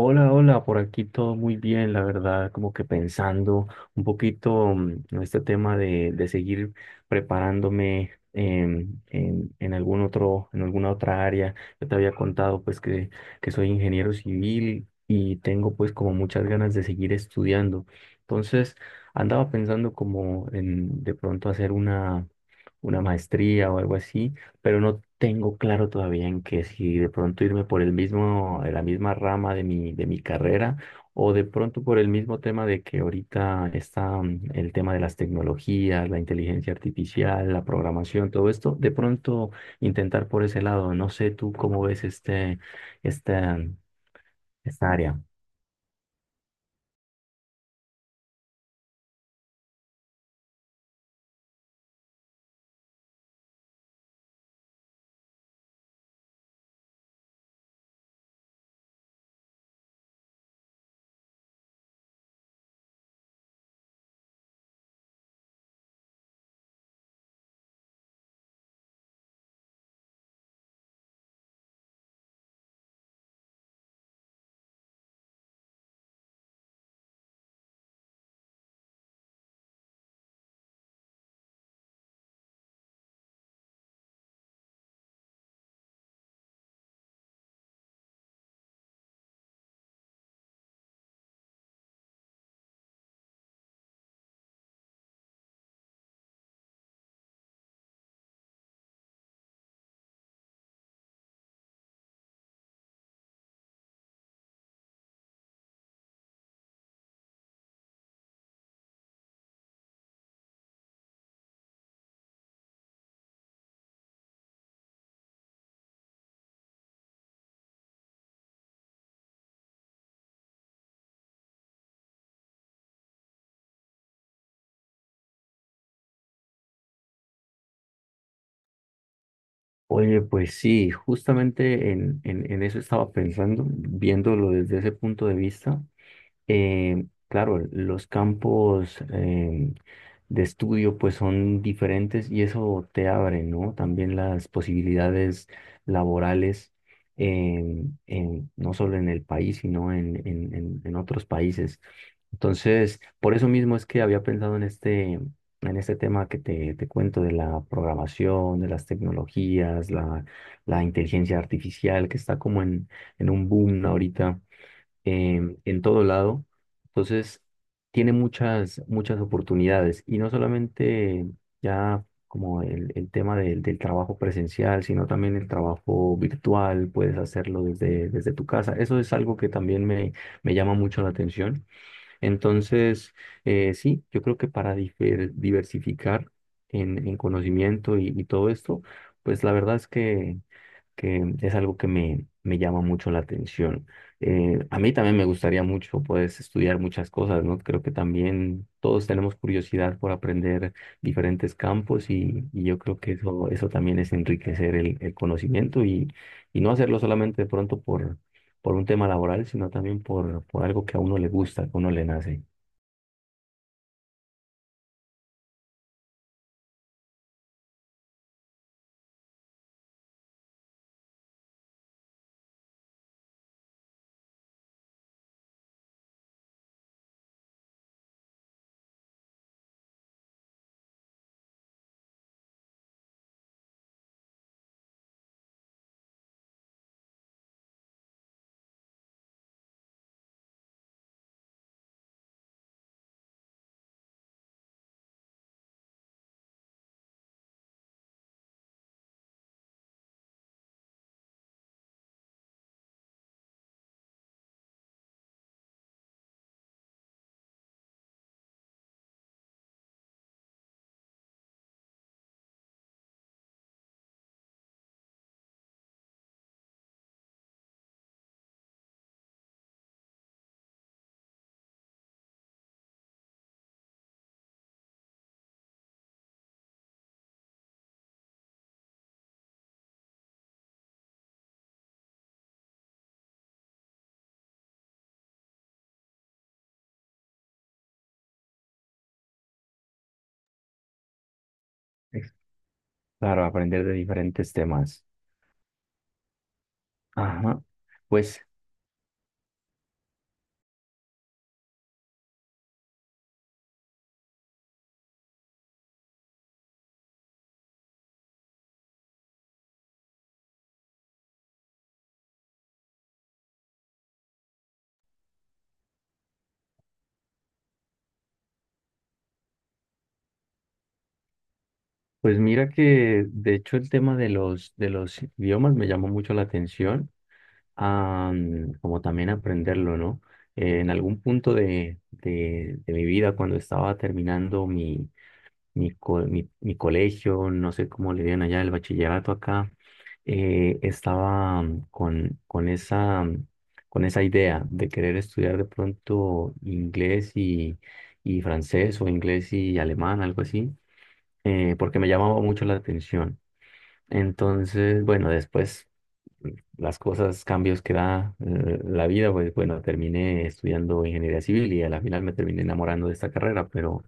Hola, hola, por aquí todo muy bien, la verdad, como que pensando un poquito en este tema de seguir preparándome en algún otro, en alguna otra área. Yo te había contado pues que soy ingeniero civil y tengo pues como muchas ganas de seguir estudiando. Entonces andaba pensando como en de pronto hacer una maestría o algo así, pero no tengo claro todavía en que si de pronto irme por el mismo, la misma rama de mi carrera, o de pronto por el mismo tema de que ahorita está el tema de las tecnologías, la inteligencia artificial, la programación, todo esto, de pronto intentar por ese lado. No sé tú cómo ves esta, esta área. Oye, pues sí, justamente en eso estaba pensando, viéndolo desde ese punto de vista. Claro, los campos de estudio pues son diferentes y eso te abre, ¿no? También las posibilidades laborales, no solo en el país, sino en otros países. Entonces, por eso mismo es que había pensado en en este tema que te cuento de la programación, de las tecnologías, la inteligencia artificial, que está como en un boom ahorita en todo lado. Entonces, tiene muchas, muchas oportunidades, y no solamente ya como el tema del trabajo presencial, sino también el trabajo virtual, puedes hacerlo desde tu casa. Eso es algo que también me llama mucho la atención. Entonces, sí, yo creo que para diversificar en conocimiento y todo esto, pues la verdad es que es algo que me llama mucho la atención. A mí también me gustaría mucho, pues, estudiar muchas cosas, ¿no? Creo que también todos tenemos curiosidad por aprender diferentes campos y yo creo que eso también es enriquecer el conocimiento y no hacerlo solamente de pronto por un tema laboral, sino también por algo que a uno le gusta, que a uno le nace. Es Claro, aprender de diferentes temas. Ajá. Pues, pues mira que de hecho el tema de de los idiomas me llamó mucho la atención, como también aprenderlo, ¿no? En algún punto de mi vida, cuando estaba terminando mi colegio, no sé cómo le digan allá, el bachillerato acá. Eh, estaba con esa, con esa idea de querer estudiar de pronto y francés o inglés y alemán, algo así. Eh, porque me llamaba mucho la atención. Entonces, bueno, después mm, las cosas, cambios que da la vida, pues bueno, terminé estudiando ingeniería civil y a la final me terminé enamorando de esta carrera, pero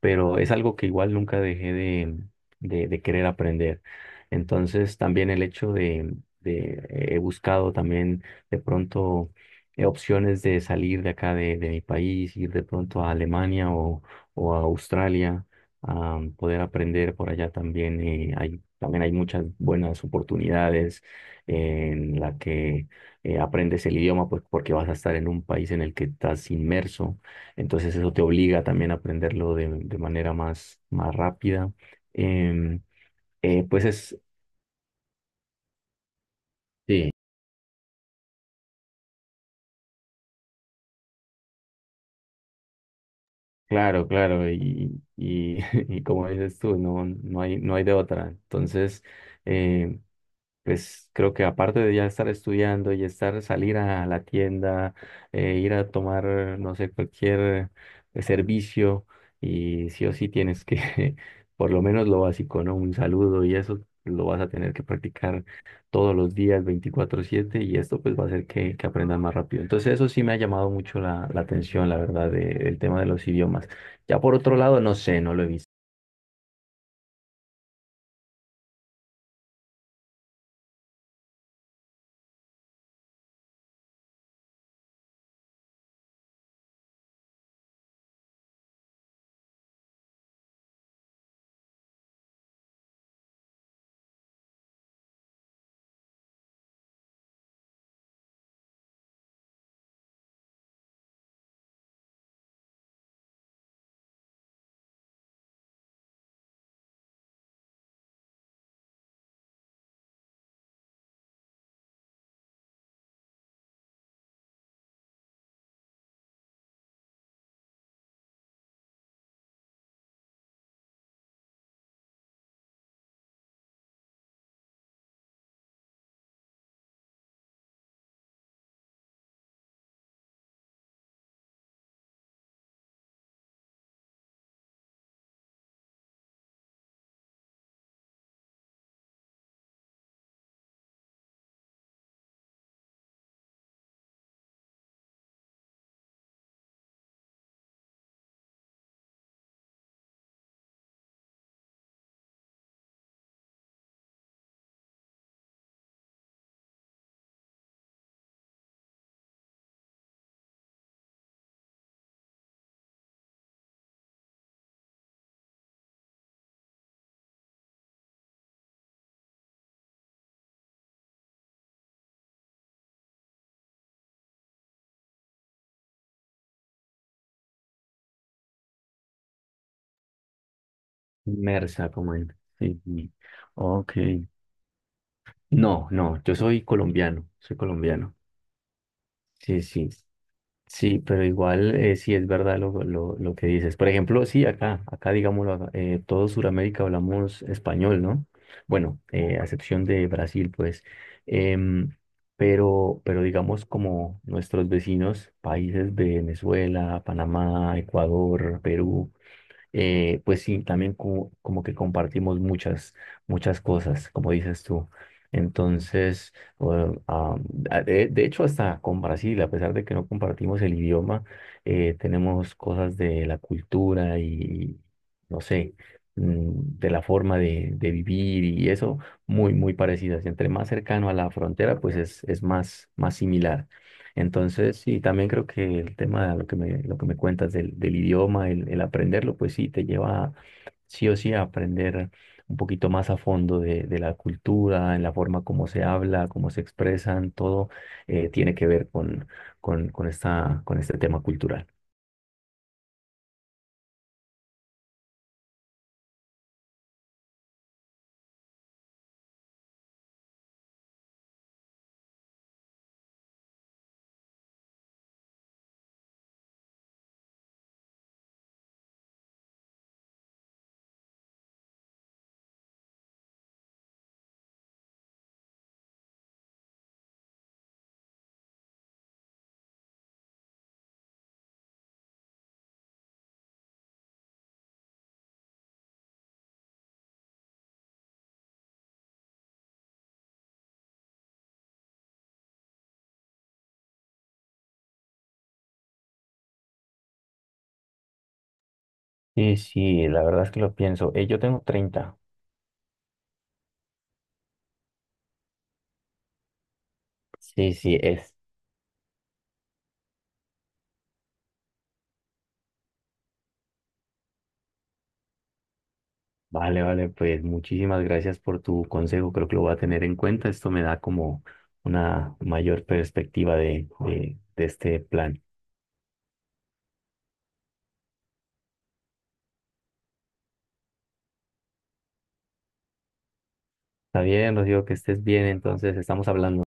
pero es algo que igual nunca dejé de querer aprender. Entonces también el hecho de he buscado también de pronto opciones de salir de acá de mi país, ir de pronto a Alemania o a Australia, a poder aprender por allá también. Eh, hay, también hay muchas buenas oportunidades en la que aprendes el idioma pues, porque vas a estar en un país en el que estás inmerso, entonces eso te obliga también a aprenderlo de manera más, más rápida. Em, pues es, sí, claro, claro, y, y como dices tú, no, no hay, no hay de otra. Entonces, em, pues creo que aparte de ya estar estudiando y estar, salir a la tienda, ir a tomar, no sé, cualquier servicio, y sí o sí tienes que, por lo menos lo básico, ¿no? Un saludo y eso lo vas a tener que practicar todos los días, 24/7, y esto pues va a hacer que aprendas más rápido. Entonces eso sí me ha llamado mucho la atención, la verdad, del tema de los idiomas. Ya por otro lado, no sé, no lo he visto. Inmersa, como en... Sí, sí. Ok. No, no, yo soy colombiano, soy colombiano. Sí, sí, sí, pero igual sí es verdad lo que dices. Por ejemplo, sí, acá digámoslo, acá, todo Sudamérica hablamos español, ¿no? Bueno, a excepción de Brasil, pues. Em, pero digamos como nuestros vecinos, países de Venezuela, Panamá, Ecuador, Perú, pues sí, también como que compartimos muchas, muchas cosas, como dices tú. Entonces, bueno, ah, de hecho, hasta con Brasil, a pesar de que no compartimos el idioma, tenemos cosas de la cultura y, no sé, de la forma de vivir y eso, muy, muy parecidas. Entre más cercano a la frontera, pues es más, más similar. Entonces, sí, también creo que el tema de lo que me cuentas del idioma, el aprenderlo, pues sí, te lleva sí o sí a aprender un poquito más a fondo de la cultura, en la forma como se habla, cómo se expresan, todo tiene que ver con esta, con este tema cultural. Sí, sí, la verdad es que lo pienso. Yo tengo 30. Sí, sí, es. Vale, vale, pues muchísimas gracias por tu consejo, creo que lo voy a tener en cuenta, esto me da como una mayor perspectiva de este plan. Está bien, Rocío, que estés bien, entonces estamos hablando.